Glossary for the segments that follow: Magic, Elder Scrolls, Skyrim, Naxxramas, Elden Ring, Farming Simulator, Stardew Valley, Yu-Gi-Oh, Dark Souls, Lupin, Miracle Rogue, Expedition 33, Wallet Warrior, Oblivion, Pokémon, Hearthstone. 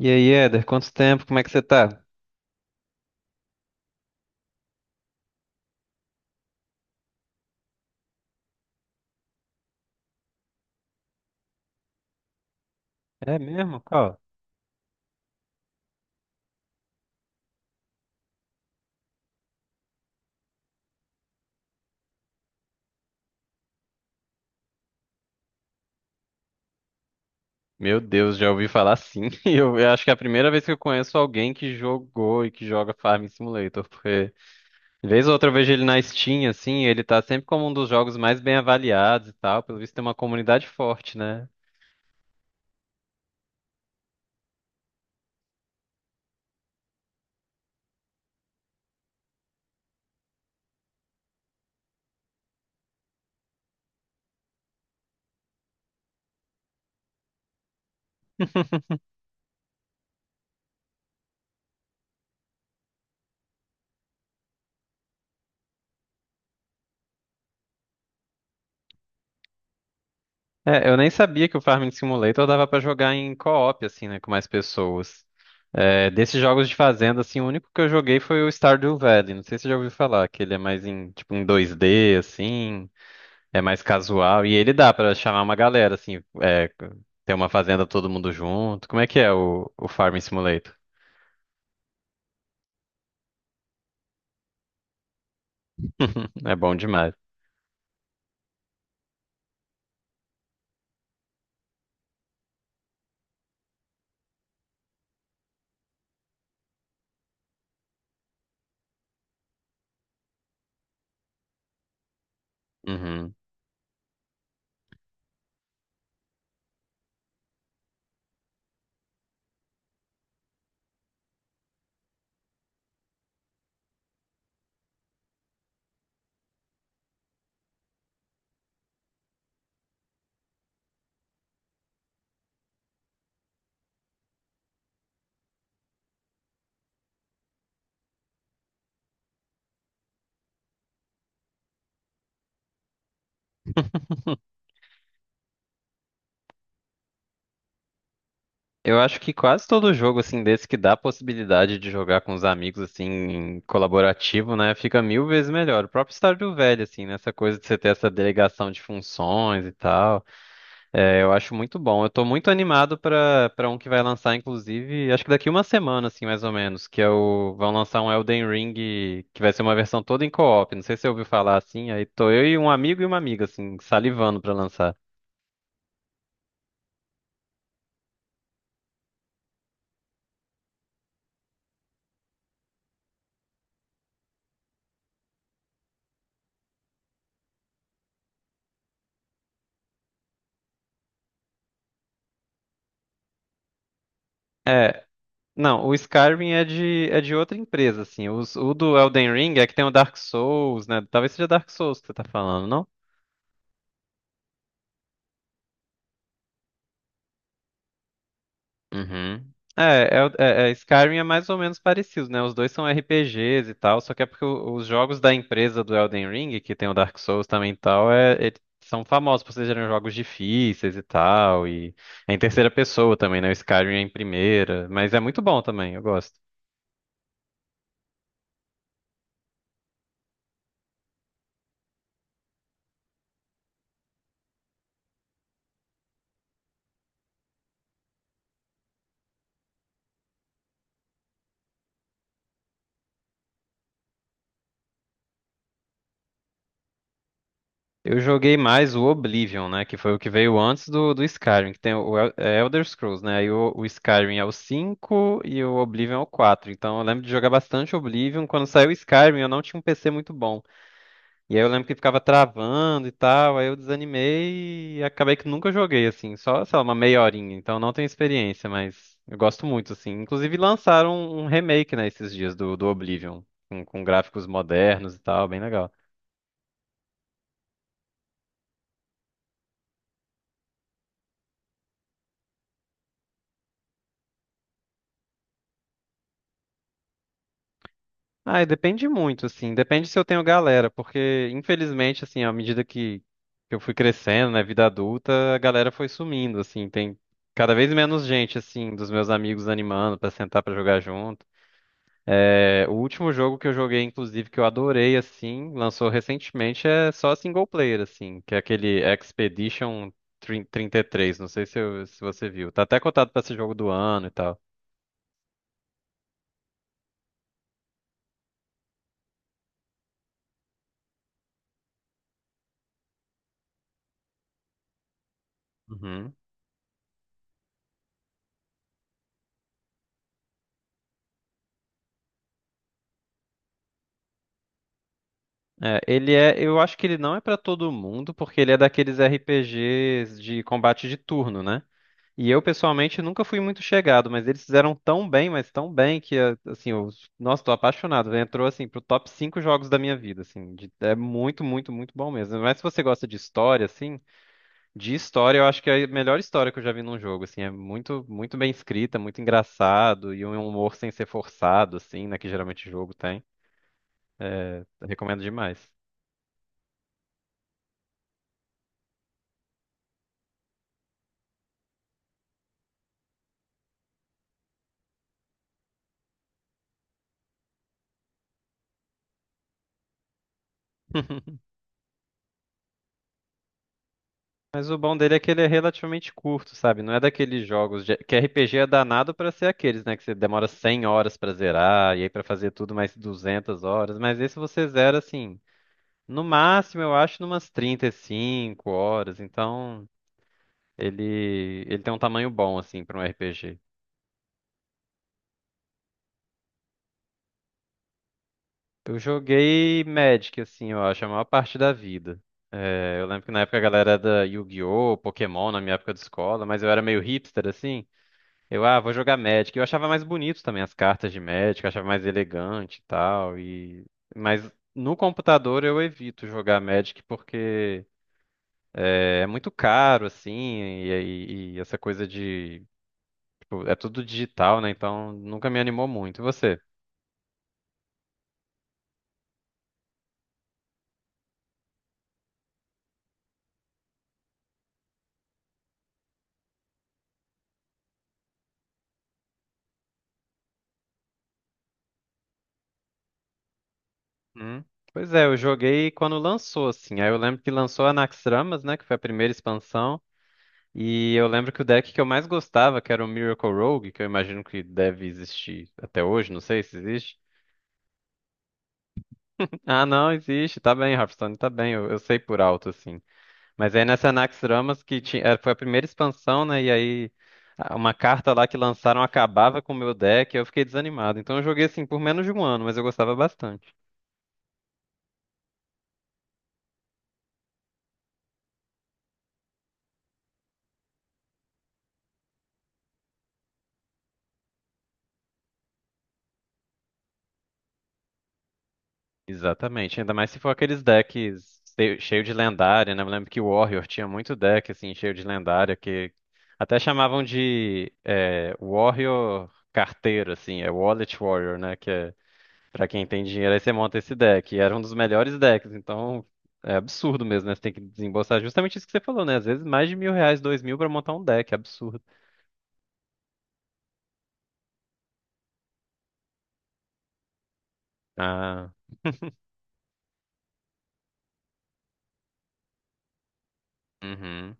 E aí, Éder, quanto tempo? Como é que você tá? É mesmo? Qual? Meu Deus, já ouvi falar sim. Eu acho que é a primeira vez que eu conheço alguém que jogou e que joga Farming Simulator, porque vez ou outra eu vejo ele na Steam, assim, e ele tá sempre como um dos jogos mais bem avaliados e tal. Pelo visto tem uma comunidade forte, né? É, eu nem sabia que o Farming Simulator dava pra jogar em co-op, assim, né, com mais pessoas. É, desses jogos de fazenda, assim, o único que eu joguei foi o Stardew Valley. Não sei se você já ouviu falar, que ele é mais em, tipo, em 2D, assim. É mais casual. E ele dá pra chamar uma galera, assim, é, ter uma fazenda todo mundo junto. Como é que é o Farming Simulator? É bom demais. Uhum. Eu acho que quase todo jogo, assim, desse que dá a possibilidade de jogar com os amigos, assim, em colaborativo, né, fica mil vezes melhor. O próprio Stardew Valley, assim, nessa coisa de você ter essa delegação de funções e tal. É, eu acho muito bom. Eu tô muito animado pra para um que vai lançar, inclusive, acho que daqui uma semana, assim, mais ou menos, que é o vão lançar um Elden Ring que vai ser uma versão toda em co-op. Não sei se você ouviu falar assim, aí tô eu e um amigo e uma amiga, assim, salivando pra lançar. É, não, o Skyrim é de outra empresa, assim. O do Elden Ring é que tem o Dark Souls, né? Talvez seja Dark Souls que você tá falando, não? Uhum. É, Skyrim é mais ou menos parecido, né? Os dois são RPGs e tal, só que é porque os jogos da empresa do Elden Ring, que tem o Dark Souls também e tal, é, eles são famosos por serem jogos difíceis e tal, e é em terceira pessoa também, né? O Skyrim é em primeira, mas é muito bom também, eu gosto. Eu joguei mais o Oblivion, né? Que foi o que veio antes do Skyrim, que tem é Elder Scrolls, né? Aí o Skyrim é o 5 e o Oblivion é o 4. Então eu lembro de jogar bastante Oblivion. Quando saiu o Skyrim, eu não tinha um PC muito bom. E aí eu lembro que ficava travando e tal. Aí eu desanimei e acabei que nunca joguei, assim. Só, sei lá, uma meia horinha. Então eu não tenho experiência, mas eu gosto muito, assim. Inclusive lançaram um remake, né, esses dias do Oblivion, com gráficos modernos e tal. Bem legal. Ah, depende muito, assim. Depende se eu tenho galera, porque infelizmente, assim, à medida que eu fui crescendo, né, vida adulta, a galera foi sumindo, assim. Tem cada vez menos gente, assim, dos meus amigos animando pra sentar pra jogar junto. É, o último jogo que eu joguei, inclusive, que eu adorei, assim, lançou recentemente, é só single player, assim, que é aquele Expedition 33. Não sei se, se você viu. Tá até cotado pra ser jogo do ano e tal. Uhum. É, ele é, eu acho que ele não é pra todo mundo, porque ele é daqueles RPGs de combate de turno, né? E eu pessoalmente nunca fui muito chegado, mas eles fizeram tão bem, mas tão bem que assim, nossa, tô apaixonado. Né? Entrou assim pro top 5 jogos da minha vida, assim, é muito, muito, muito bom mesmo. Mas se você gosta de história, assim, de história, eu acho que é a melhor história que eu já vi num jogo, assim, é muito, muito bem escrita, muito engraçado e um humor sem ser forçado, assim, né, que geralmente o jogo tem. Eu recomendo demais. Mas o bom dele é que ele é relativamente curto, sabe? Não é daqueles jogos de... que RPG é danado pra ser aqueles, né? Que você demora 100 horas pra zerar e aí pra fazer tudo mais 200 horas. Mas esse você zera assim, no máximo eu acho numas 35 horas. Então ele ele tem um tamanho bom assim pra um RPG. Eu joguei Magic assim, eu acho a maior parte da vida. É, eu lembro que na época a galera era da Yu-Gi-Oh, Pokémon na minha época de escola, mas eu era meio hipster assim. Ah, vou jogar Magic. Eu achava mais bonito também as cartas de Magic, eu achava mais elegante e tal. E... Mas no computador eu evito jogar Magic porque é muito caro, assim, e essa coisa de. Tipo, é tudo digital, né? Então nunca me animou muito. E você? Hum? Pois é, eu joguei quando lançou, assim. Aí eu lembro que lançou a Naxxramas, né? Que foi a primeira expansão. E eu lembro que o deck que eu mais gostava, que era o Miracle Rogue, que eu imagino que deve existir até hoje, não sei se existe. Ah, não, existe. Tá bem, Hearthstone, tá bem. Eu sei por alto, assim. Mas aí nessa Anaxramas, que tinha, foi a primeira expansão, né? E aí uma carta lá que lançaram acabava com o meu deck, e eu fiquei desanimado. Então eu joguei, assim, por menos de um ano, mas eu gostava bastante. Exatamente. Ainda mais se for aqueles decks cheio cheio de lendária, né? Eu lembro que o Warrior tinha muito deck, assim, cheio de lendária, que até chamavam de Warrior carteiro, assim. É Wallet Warrior, né? Pra quem tem dinheiro, aí você monta esse deck. E era um dos melhores decks, então é absurdo mesmo, né? Você tem que desembolsar justamente isso que você falou, né? Às vezes mais de 1.000 reais, 2.000 pra montar um deck, é absurdo. Ah, uhum.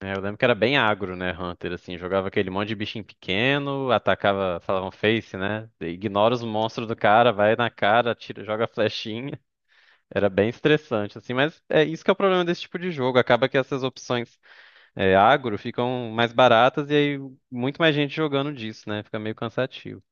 É, eu lembro que era bem agro, né, Hunter, assim, jogava aquele monte de bichinho pequeno, atacava, falavam face, né? Ignora os monstros do cara, vai na cara, tira, joga flechinha. Era bem estressante, assim, mas é isso que é o problema desse tipo de jogo. Acaba que essas opções agro ficam mais baratas e aí muito mais gente jogando disso, né? Fica meio cansativo.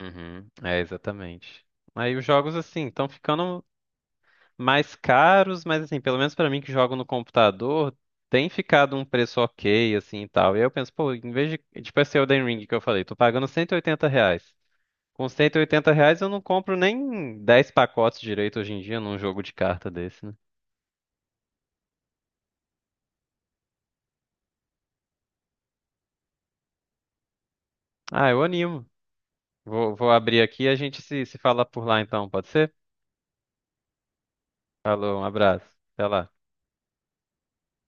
Uhum. É, exatamente. Aí os jogos, assim, estão ficando mais caros, mas, assim, pelo menos pra mim que jogo no computador, tem ficado um preço ok, assim, e tal. E aí eu penso, pô, em vez de, tipo esse Elden Ring que eu falei, tô pagando R$ 180. Com R$ 180 eu não compro nem 10 pacotes direito hoje em dia num jogo de carta desse, né? Ah, eu animo. Vou abrir aqui e a gente se fala por lá então, pode ser? Falou, um abraço. Até lá.